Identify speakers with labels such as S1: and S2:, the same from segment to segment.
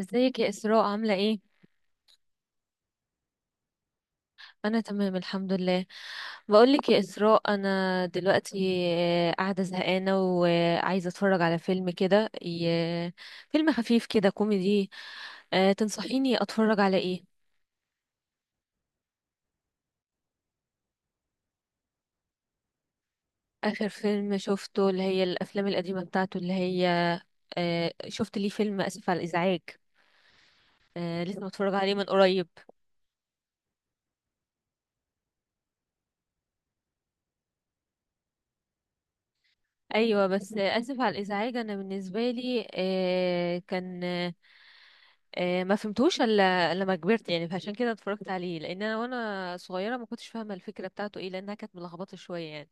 S1: ازيك يا إسراء؟ عاملة ايه؟ أنا تمام الحمد لله. بقولك يا إسراء، أنا دلوقتي قاعدة زهقانة وعايزة أتفرج على فيلم كده، فيلم خفيف كده كوميدي. تنصحيني أتفرج على ايه؟ آخر فيلم شفته اللي هي الأفلام القديمة بتاعته، اللي هي شفت ليه فيلم آسف على الإزعاج. لسه متفرج عليه من قريب. ايوه، بس اسف على الازعاج انا بالنسبه لي كان ما فهمتوش الا لما كبرت يعني، فعشان كده اتفرجت عليه، لان انا وانا صغيره ما كنتش فاهمه الفكره بتاعته ايه، لانها كانت ملخبطه شويه يعني.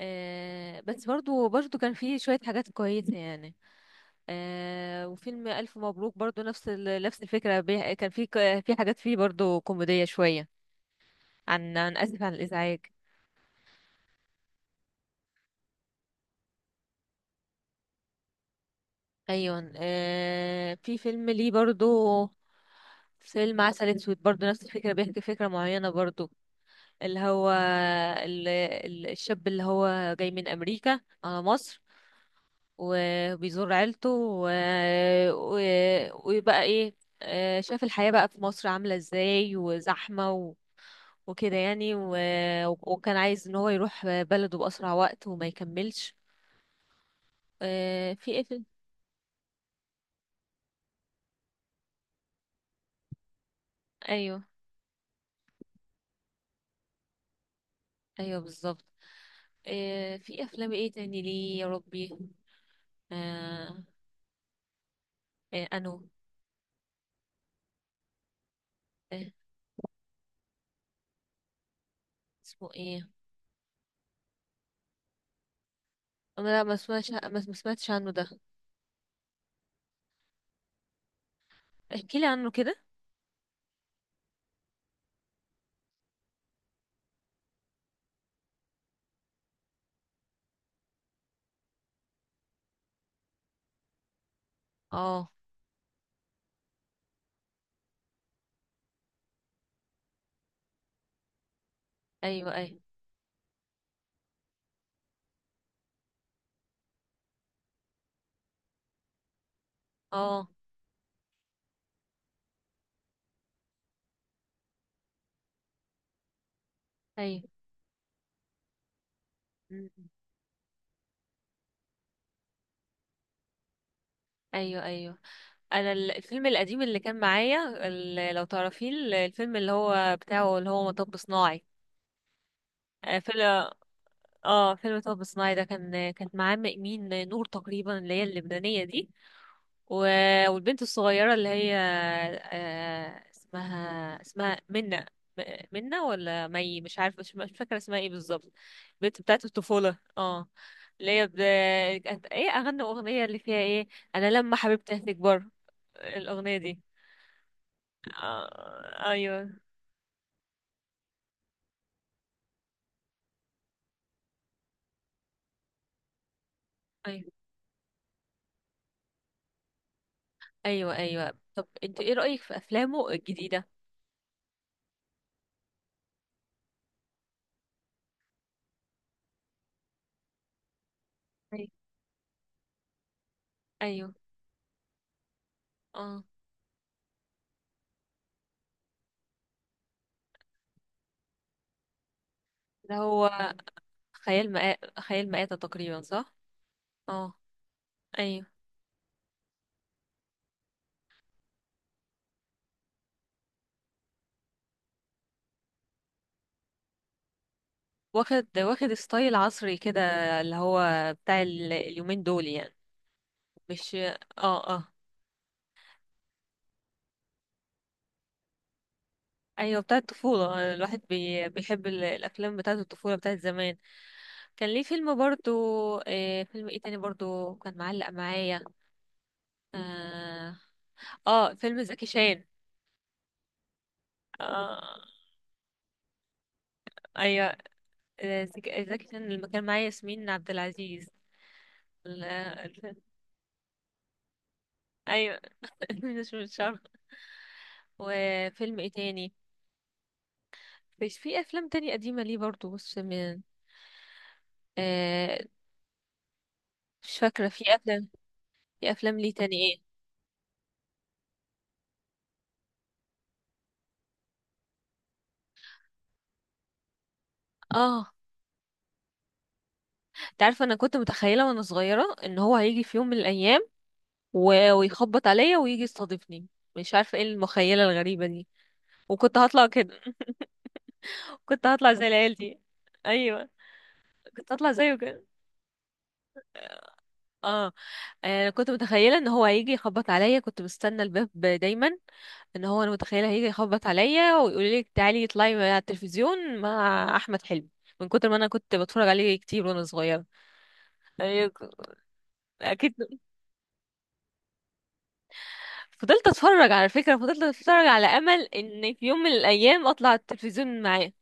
S1: بس برضو كان فيه شويه حاجات كويسه يعني. وفيلم الف مبروك برضو نفس نفس الفكره كان فيه في حاجات فيه برضو كوميديه شويه عن اسف على الازعاج. ايوه آه، في فيلم ليه برضو، فيلم عسل اسود، برضو نفس الفكره بيحكي فكره معينه برضو، اللي هو الشاب اللي هو جاي من امريكا على مصر وبيزور عيلته ويبقى ايه، شاف الحياه بقى في مصر عامله ازاي وزحمه وكده يعني، وكان عايز ان هو يروح بلده باسرع وقت وما يكملش. في ايه فيلم؟ ايوه ايوه بالظبط. آه، في افلام ايه تاني ليه يا ربي؟ آه. آه انو. آه، اسمه ايه؟ انا لا، ما سمعتش، ما سمعتش عنه ده. احكي لي عنه كده. اه. ايوه ايوه. اه. ايوه. م- م. ايوه ايوه. انا الفيلم القديم اللي كان معايا لو تعرفيه، الفيلم اللي هو بتاعه اللي هو مطب صناعي. آه، فيلم. اه، فيلم مطب صناعي ده كان، كانت معاه مين، نور تقريبا، اللي هي اللبنانية دي، والبنت الصغيرة اللي هي اسمها منى. م- منى ولا مي، مش عارفة، مش فاكرة اسمها ايه بالظبط، البنت بتاعت الطفولة. اه، اللي هي ب... كانت ايه أغنى أغنية اللي فيها ايه؟ أنا لما حبيبتي هتكبر، الأغنية دي. أيوه أيوه. أيوه أيوه، طب انت ايه رأيك في أفلامه الجديدة؟ أيوه. أيوه. اه. ده هو خيال مآتة، خيال مآتة تقريبا، صح؟ اه. أيوه. واخد ستايل عصري كده، اللي هو بتاع اليومين دول يعني، مش اه اه. ايوه بتاع الطفولة. الواحد بي... بيحب الافلام بتاعة الطفولة بتاعة زمان. كان ليه فيلم برضو. آه، فيلم ايه تاني برضو كان معلق معايا؟ اه, آه، فيلم زكي شان. آه. ايوه. آه، زكي شان اللي كان معايا ياسمين عبد العزيز، ال- الفيلم- ايوه. مش عارفة. وفيلم ايه تاني؟ بس في افلام تانية قديمة ليه برضو، بص من آه مش فاكرة في افلام. في افلام ليه تاني ايه؟ اه. انت عارفة، انا كنت متخيلة وانا صغيرة ان هو هيجي في يوم من الايام ويخبط عليا ويجي يستضيفني، مش عارفة ايه المخيلة الغريبة دي، وكنت هطلع كده. كنت هطلع زي العيال دي. ايوه. كنت هطلع زيه كده. اه، انا كنت متخيلة ان هو هيجي يخبط عليا، كنت مستنى الباب دايما ان هو، انا متخيله هيجي يخبط عليا ويقول لك تعالي اطلعي على التلفزيون مع احمد حلمي، من كتر ما انا كنت بتفرج عليه كتير وانا صغيره يعني. اكيد، فضلت اتفرج على فكره، فضلت اتفرج على امل ان في يوم من الايام اطلع على التلفزيون معاه،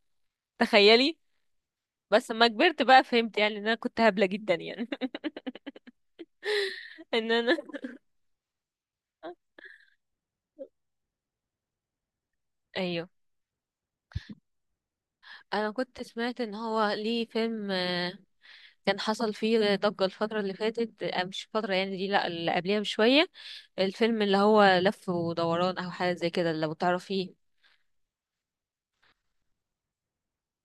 S1: تخيلي. بس لما كبرت بقى فهمت يعني ان انا كنت هبله جدا يعني. ان انا. ايوه، انا كنت سمعت ان هو ليه فيلم كان حصل فيه ضجه الفتره اللي فاتت، مش الفتره يعني دي، لا اللي قبلها بشويه، الفيلم اللي هو لف ودوران او حاجه زي كده، لو تعرفيه.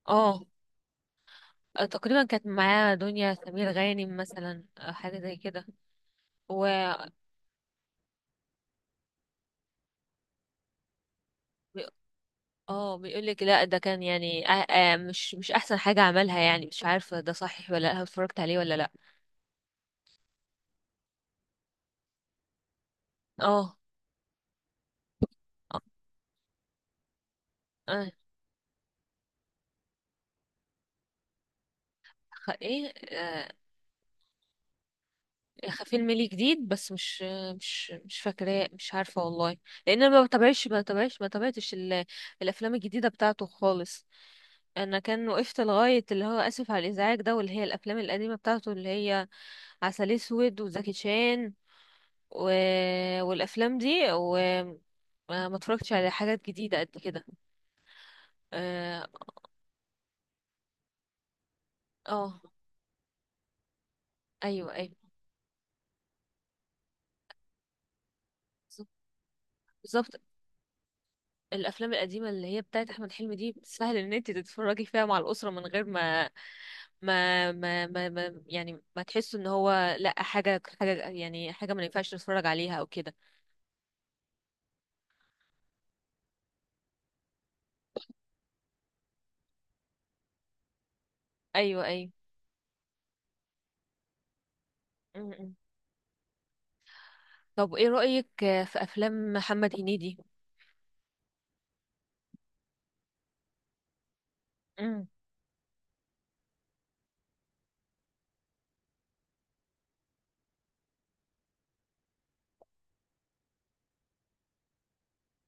S1: اه، تقريبا كانت معاه دنيا سمير غانم مثلا أو حاجه زي كده. و بي- اه، بيقول لك لا، ده كان يعني آه آه، مش احسن حاجه عملها يعني، مش عارفه ده صحيح ولا لا، اتفرجت عليه ولا لا. اه. اه. آه، ايه؟ آه، فيلم ليه جديد بس، مش مش فاكراه، مش عارفه والله، لان انا ما بتابعش ما تابعتش الافلام الجديده بتاعته خالص. انا كان وقفت لغايه اللي هو اسف على الازعاج ده واللي هي الافلام القديمه بتاعته اللي هي عسل اسود وزكي شان و... والافلام دي، وما ما اتفرجتش على حاجات جديده قد كده. اه. آه. ايوه ايوه بالظبط. بالظبط. الافلام القديمه اللي هي بتاعت احمد حلمي دي سهل ان انت تتفرجي فيها مع الاسره من غير ما يعني ما تحسوا ان هو لا، حاجه حاجه يعني، حاجه ما ينفعش نتفرج عليها او كده. ايوه ايوه. م- م. طب ايه رأيك في افلام محمد هنيدي؟ امم.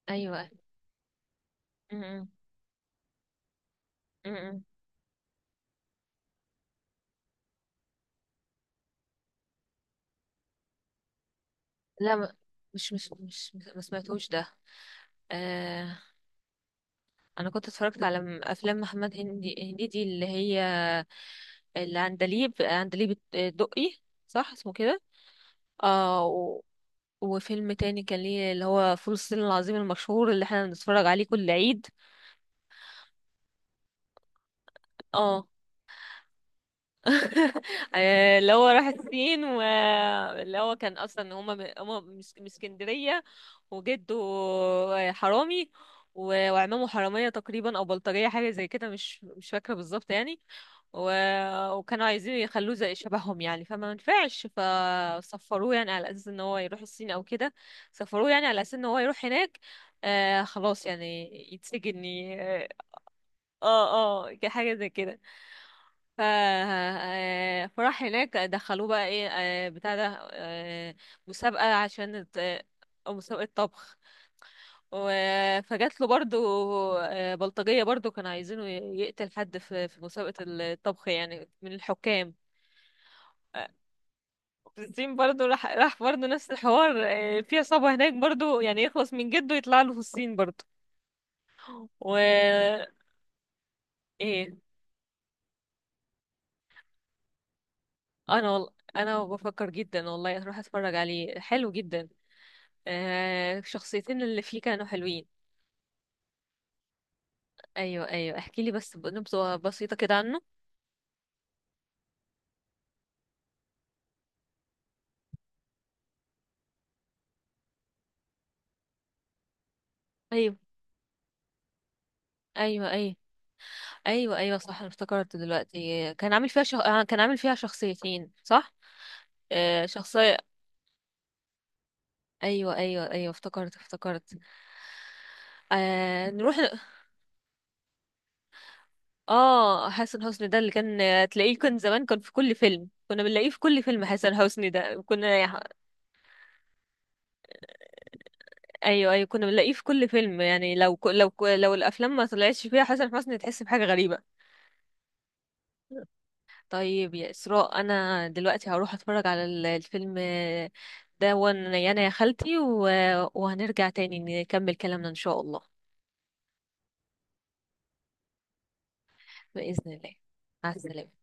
S1: ايوه. امم. امم. لا، مش ما سمعتوش ده. آه، انا كنت اتفرجت على افلام محمد هنيدي اللي هي، اللي عندليب الدقي، صح اسمه كده؟ اه. وفيلم تاني كان ليه اللي هو فول الصين العظيم، المشهور اللي احنا بنتفرج عليه كل عيد. اه. اللي هو راح الصين، واللي هو كان اصلا هما هما مش اسكندريه، وجده حرامي، وعمامه حراميه تقريبا او بلطجيه، حاجه زي كده، مش فاكره بالظبط يعني. و... وكانوا عايزين يخلوه زي شبههم يعني، فما نفعش، فسفروه يعني على اساس ان هو يروح الصين او كده. سفروه يعني على اساس ان هو يروح هناك، آه خلاص يعني يتسجن اه اه، حاجه زي كده. ف فراح هناك، دخلوه بقى ايه بتاع ده مسابقة، عشان مسابقة طبخ، فجات له برضو بلطجية برضو كانوا عايزينه يقتل حد في في مسابقة الطبخ يعني، من الحكام. في الصين برضو، راح برضو نفس الحوار، في عصابة هناك برضو يعني يخلص من جده، يطلع له في الصين برضو. و ايه؟ انا والله، انا بفكر جدا والله اروح اتفرج عليه، حلو جدا. آه، شخصيتين اللي فيه كانوا حلوين. ايوه ايوه، احكي لي بس نبذة بسيطة كده عنه. ايوه. ايوه ايوه. ايوه ايوه صح، انا افتكرت دلوقتي كان عامل فيها شخ... كان عامل فيها شخصيتين، صح. آه شخصية. ايوه ايوه ايوه، افتكرت افتكرت. آه نروح. اه، حسن حسني ده اللي كان تلاقيه كان زمان، كان في كل فيلم، كنا بنلاقيه في كل فيلم حسن حسني ده كنا. ايوه ايوه، كنا بنلاقيه في كل فيلم يعني، لو الافلام ما طلعتش فيها حسن حسني تحس بحاجه غريبه. طيب يا اسراء، انا دلوقتي هروح اتفرج على الفيلم ده وانا يعني يا خالتي، وهنرجع تاني نكمل كلامنا ان شاء الله. باذن الله، مع السلامه.